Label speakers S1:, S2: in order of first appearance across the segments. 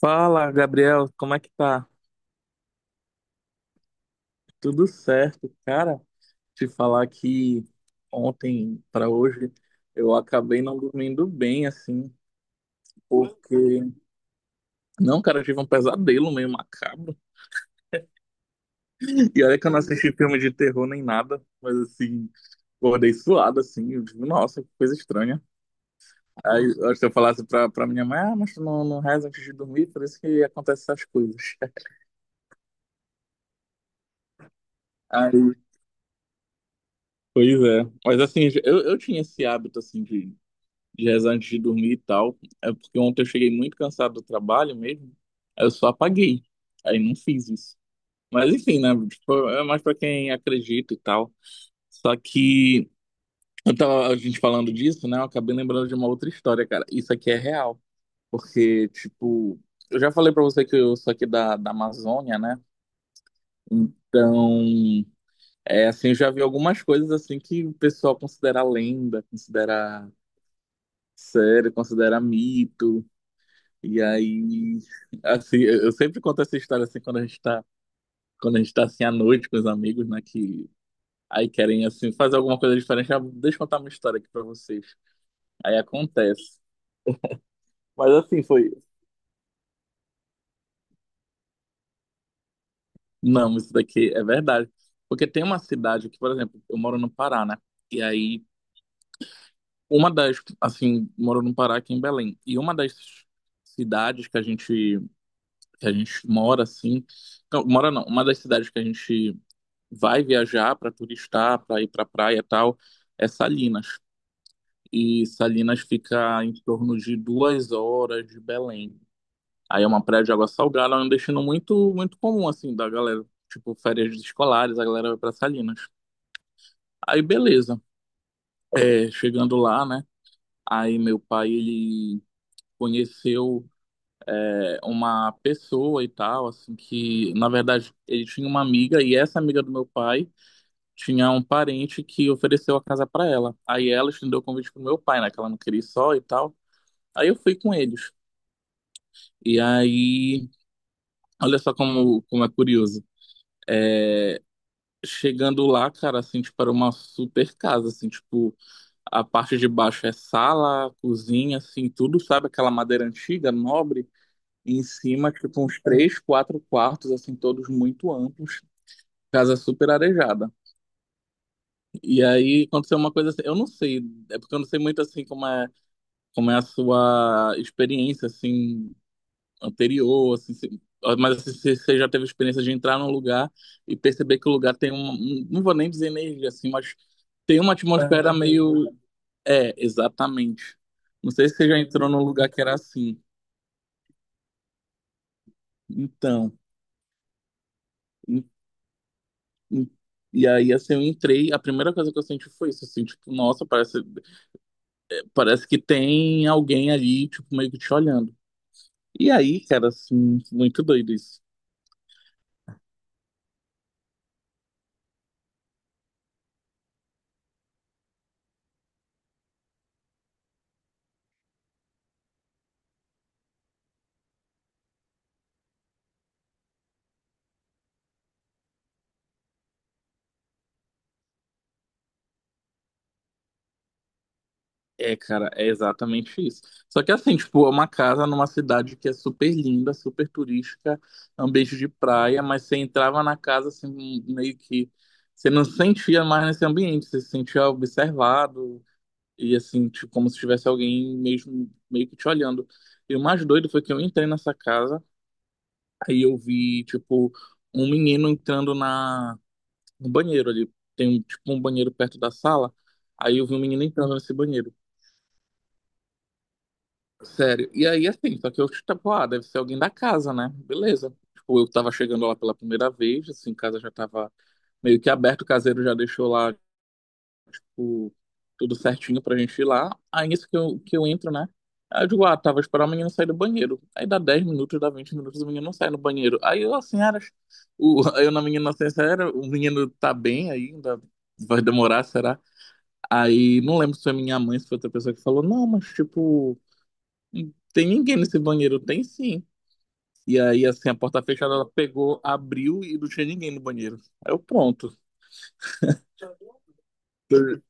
S1: Fala, Gabriel, como é que tá? Tudo certo, cara? Te falar que ontem para hoje eu acabei não dormindo bem, assim, porque não, cara, eu tive um pesadelo meio macabro. E olha que eu não assisti filme de terror nem nada, mas assim, acordei suado, assim, eu digo, nossa, que coisa estranha. Aí eu acho que eu falasse pra minha mãe, ah, mas tu não reza antes de dormir, por isso que acontecem essas coisas. Aí, pois é. Mas assim, eu tinha esse hábito, assim, de rezar antes de dormir e tal. É porque ontem eu cheguei muito cansado do trabalho mesmo. Aí eu só apaguei. Aí não fiz isso. Mas enfim, né? Tipo, é mais pra quem acredita e tal. Só que eu tava a gente falando disso, né? Eu acabei lembrando de uma outra história, cara. Isso aqui é real. Porque, tipo, eu já falei pra você que eu sou aqui da Amazônia, né? Então, é assim, eu já vi algumas coisas assim que o pessoal considera lenda, considera sério, considera mito. E aí, assim, eu sempre conto essa história assim quando a gente tá assim à noite com os amigos, né, que aí querem assim fazer alguma coisa diferente, ah, deixa eu contar uma história aqui pra vocês. Aí acontece. Mas assim foi, não, isso daqui é verdade. Porque tem uma cidade que, por exemplo, eu moro no Pará, né? E aí uma das assim, moro no Pará aqui em Belém. E uma das cidades que a gente mora assim, não, mora não, uma das cidades que a gente vai viajar para turistar, para ir para praia e tal, é Salinas. E Salinas fica em torno de 2 horas de Belém. Aí é uma praia de água salgada, é um destino muito, muito comum, assim, da galera. Tipo, férias escolares, a galera vai para Salinas. Aí, beleza. É, chegando lá, né? Aí meu pai, ele conheceu uma pessoa e tal, assim, que, na verdade, ele tinha uma amiga, e essa amiga do meu pai tinha um parente que ofereceu a casa para ela. Aí ela estendeu o convite pro meu pai, né? Que ela não queria ir só e tal. Aí eu fui com eles. E aí, olha só como é curioso. Chegando lá, cara, assim, tipo, era uma super casa, assim, tipo, a parte de baixo é sala, cozinha, assim, tudo, sabe? Aquela madeira antiga, nobre. E em cima, tipo, uns três, quatro quartos, assim, todos muito amplos. Casa super arejada. E aí aconteceu uma coisa assim, eu não sei, é porque eu não sei muito assim como é a sua experiência assim anterior, assim, mas assim, se você já teve a experiência de entrar num lugar e perceber que o lugar tem um, não vou nem dizer energia assim, mas tem uma atmosfera meio, é, exatamente. Não sei se você já entrou num lugar que era assim. Então, em- em- e aí assim eu entrei, a primeira coisa que eu senti foi isso, assim, tipo, nossa, parece que tem alguém ali, tipo, meio que te olhando. E aí, cara, assim, muito doido isso. É, cara, é exatamente isso. Só que assim, tipo, é uma casa numa cidade que é super linda, super turística, é um beijo de praia, mas você entrava na casa assim, meio que você não se sentia mais nesse ambiente, você se sentia observado e assim, tipo, como se tivesse alguém mesmo meio que te olhando. E o mais doido foi que eu entrei nessa casa, aí eu vi, tipo, um menino entrando na no banheiro ali, tem um, tipo um banheiro perto da sala, aí eu vi um menino entrando nesse banheiro. Sério. E aí, assim, só que eu, tipo, ah, deve ser alguém da casa, né? Beleza. Tipo, eu tava chegando lá pela primeira vez, assim, casa já tava meio que aberta, o caseiro já deixou lá, tipo, tudo certinho pra gente ir lá. Aí, nisso que eu entro, né? Aí eu digo, ah, tava esperando o menino sair do banheiro. Aí dá 10 minutos, dá 20 minutos, o menino não sai no banheiro. Aí eu, assim, era... O, eu na minha inocência, era, o menino tá bem ainda, vai demorar, será? Aí, não lembro se foi minha mãe, se foi outra pessoa que falou, não, mas, tipo... E tem ninguém nesse banheiro? Tem sim. E aí, assim, a porta fechada, ela pegou, abriu e não tinha ninguém no banheiro. Aí eu, pronto. Eu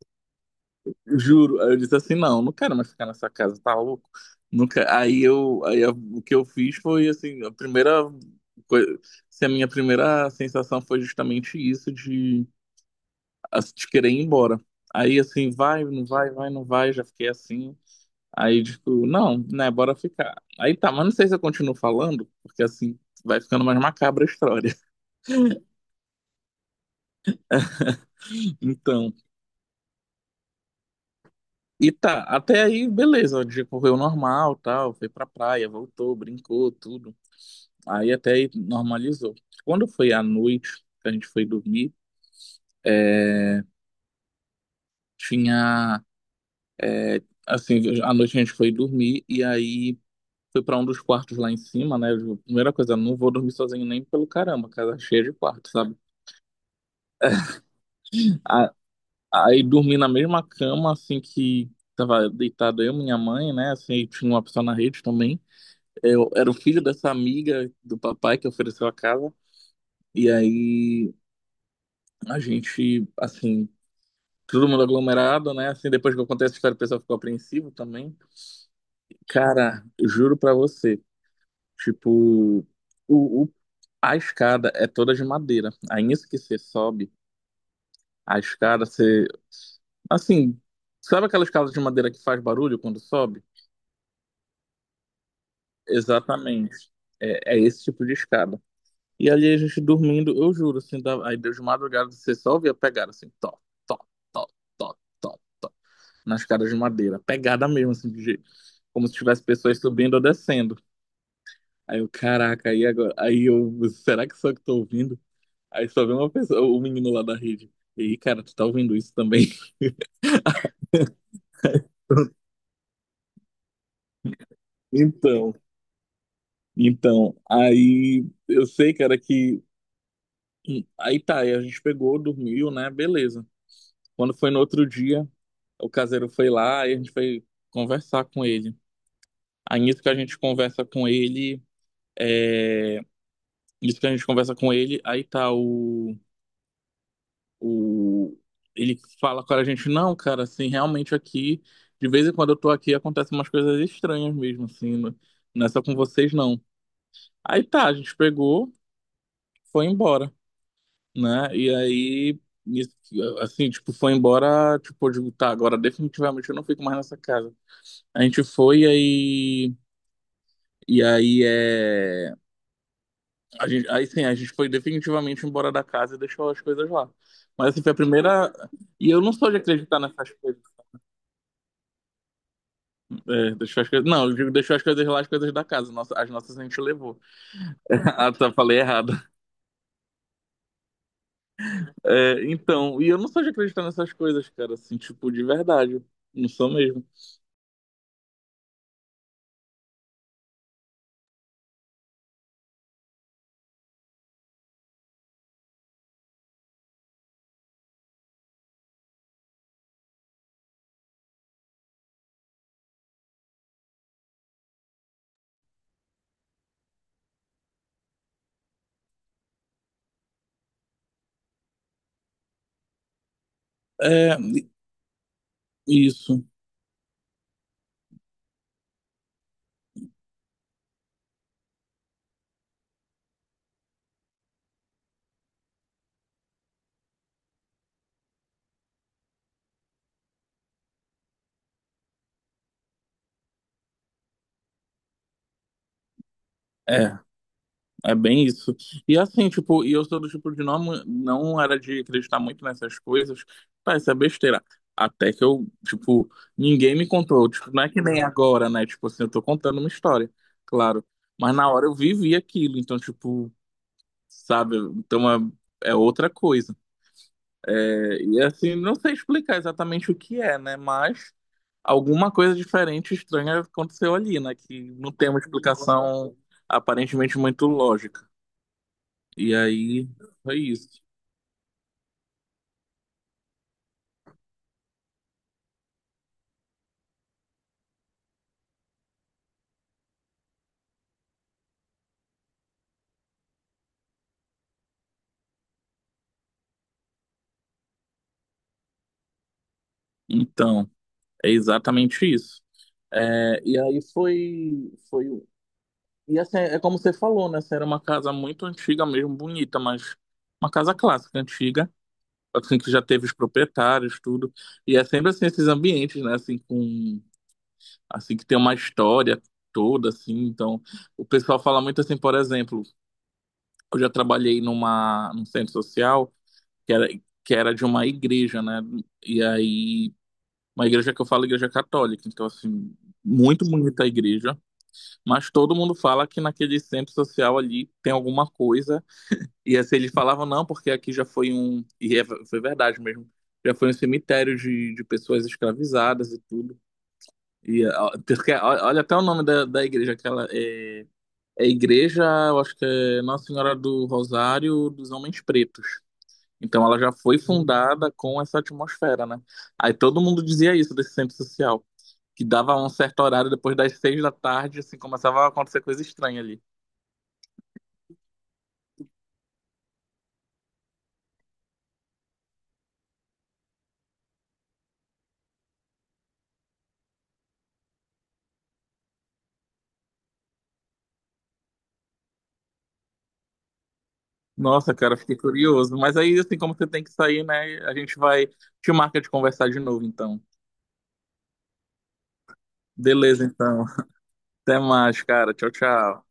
S1: juro. Aí eu disse assim, não, não quero mais ficar nessa casa, tá louco? Nunca. Aí eu, o que eu fiz foi, assim, a primeira coisa, assim, a minha primeira sensação foi justamente isso de, de querer ir embora. Aí, assim, vai, não vai, já fiquei assim. Aí, tipo, não, né, bora ficar. Aí tá, mas não sei se eu continuo falando, porque assim vai ficando mais macabra a história. Então, e tá, até aí, beleza, o dia correu normal, tal, foi pra praia, voltou, brincou, tudo. Aí até aí normalizou. Quando foi à noite que a gente foi dormir, tinha, assim, à noite a gente foi dormir e aí foi pra um dos quartos lá em cima, né? Primeira coisa, não vou dormir sozinho nem pelo caramba, casa é cheia de quartos, sabe? Aí dormi na mesma cama, assim, que tava deitado eu, minha mãe, né? Assim, e tinha uma pessoa na rede também. Eu era o filho dessa amiga do papai que ofereceu a casa. E aí a gente, assim, todo mundo aglomerado, né? Assim, depois que eu contei essa história, o pessoal ficou apreensivo também. Cara, eu juro pra você, tipo, o, o- a escada é toda de madeira. Aí nisso que você sobe, a escada, você, assim, sabe aquela escada de madeira que faz barulho quando sobe? Exatamente. É esse tipo de escada. E ali a gente dormindo, eu juro, assim, aí de madrugada você só ouvia pegada, assim, top top top top top nas escadas de madeira. Pegada mesmo, assim, de jeito. Como se tivesse pessoas subindo ou descendo. Aí eu, caraca, aí agora? Aí eu, será que só que tô ouvindo? Aí só vem uma pessoa, o menino lá da rede. E cara, tu tá ouvindo isso também? Então, então, aí eu sei, cara, que. Aí tá, aí a gente pegou, dormiu, né? Beleza. Quando foi no outro dia, o caseiro foi lá e a gente foi conversar com ele. Aí nisso que a gente conversa com ele, nisso que a gente conversa com ele, aí tá o ele fala com a gente, não, cara, assim, realmente aqui, de vez em quando eu tô aqui, acontecem umas coisas estranhas mesmo, assim, não é só com vocês, não. Aí tá, a gente pegou, foi embora, né? E aí, nisso assim, tipo, foi embora, tipo, eu digo, tá, agora definitivamente eu não fico mais nessa casa. A gente foi, aí e aí é. A gente... Aí sim, a gente foi definitivamente embora da casa e deixou as coisas lá. Mas assim, foi a primeira. E eu não sou de acreditar nessas coisas. É, deixou as coisas. Não, eu digo, deixou as coisas lá, as coisas da casa. As nossas a gente levou. Ah, tá, falei errado. É, então, e eu não sou de acreditar nessas coisas, cara, assim, tipo, de verdade. Não sou mesmo. É, isso. É. É bem isso. E assim, tipo, e eu sou do tipo de não era de acreditar muito nessas coisas. Tá, isso é besteira. Até que eu, tipo, ninguém me contou. Tipo, não é que nem agora, né? Tipo assim, eu tô contando uma história, claro. Mas na hora eu vivi aquilo, então, tipo, sabe? Então é outra coisa. É, e assim, não sei explicar exatamente o que é, né? Mas alguma coisa diferente, estranha aconteceu ali, né? Que não tem uma explicação aparentemente muito lógica. E aí foi isso. Então, é exatamente isso. É, e aí foi, foi. E assim, é como você falou, né? Essa era uma casa muito antiga mesmo, bonita, mas uma casa clássica, antiga, assim, que já teve os proprietários, tudo. E é sempre assim, esses ambientes, né? Assim, assim, que tem uma história toda, assim. Então, o pessoal fala muito assim, por exemplo, eu já trabalhei num centro social que era, que era de uma igreja, né? E aí. Uma igreja que eu falo, igreja católica, então assim, muito bonita a igreja, mas todo mundo fala que naquele centro social ali tem alguma coisa, e assim, eles falavam não, porque aqui já foi um, e foi verdade mesmo, já foi um cemitério de pessoas escravizadas e tudo, e ó, porque, ó, olha até o nome da igreja, aquela é, igreja, eu acho que é Nossa Senhora do Rosário dos Homens Pretos, então ela já foi fundada com essa atmosfera, né? Aí todo mundo dizia isso desse centro social que dava um certo horário depois das 6 da tarde, assim, começava a acontecer coisa estranha ali. Nossa, cara, fiquei curioso. Mas aí, assim, como você tem que sair, né? A gente vai. Te marca de conversar de novo, então. Beleza, então. Até mais, cara. Tchau, tchau.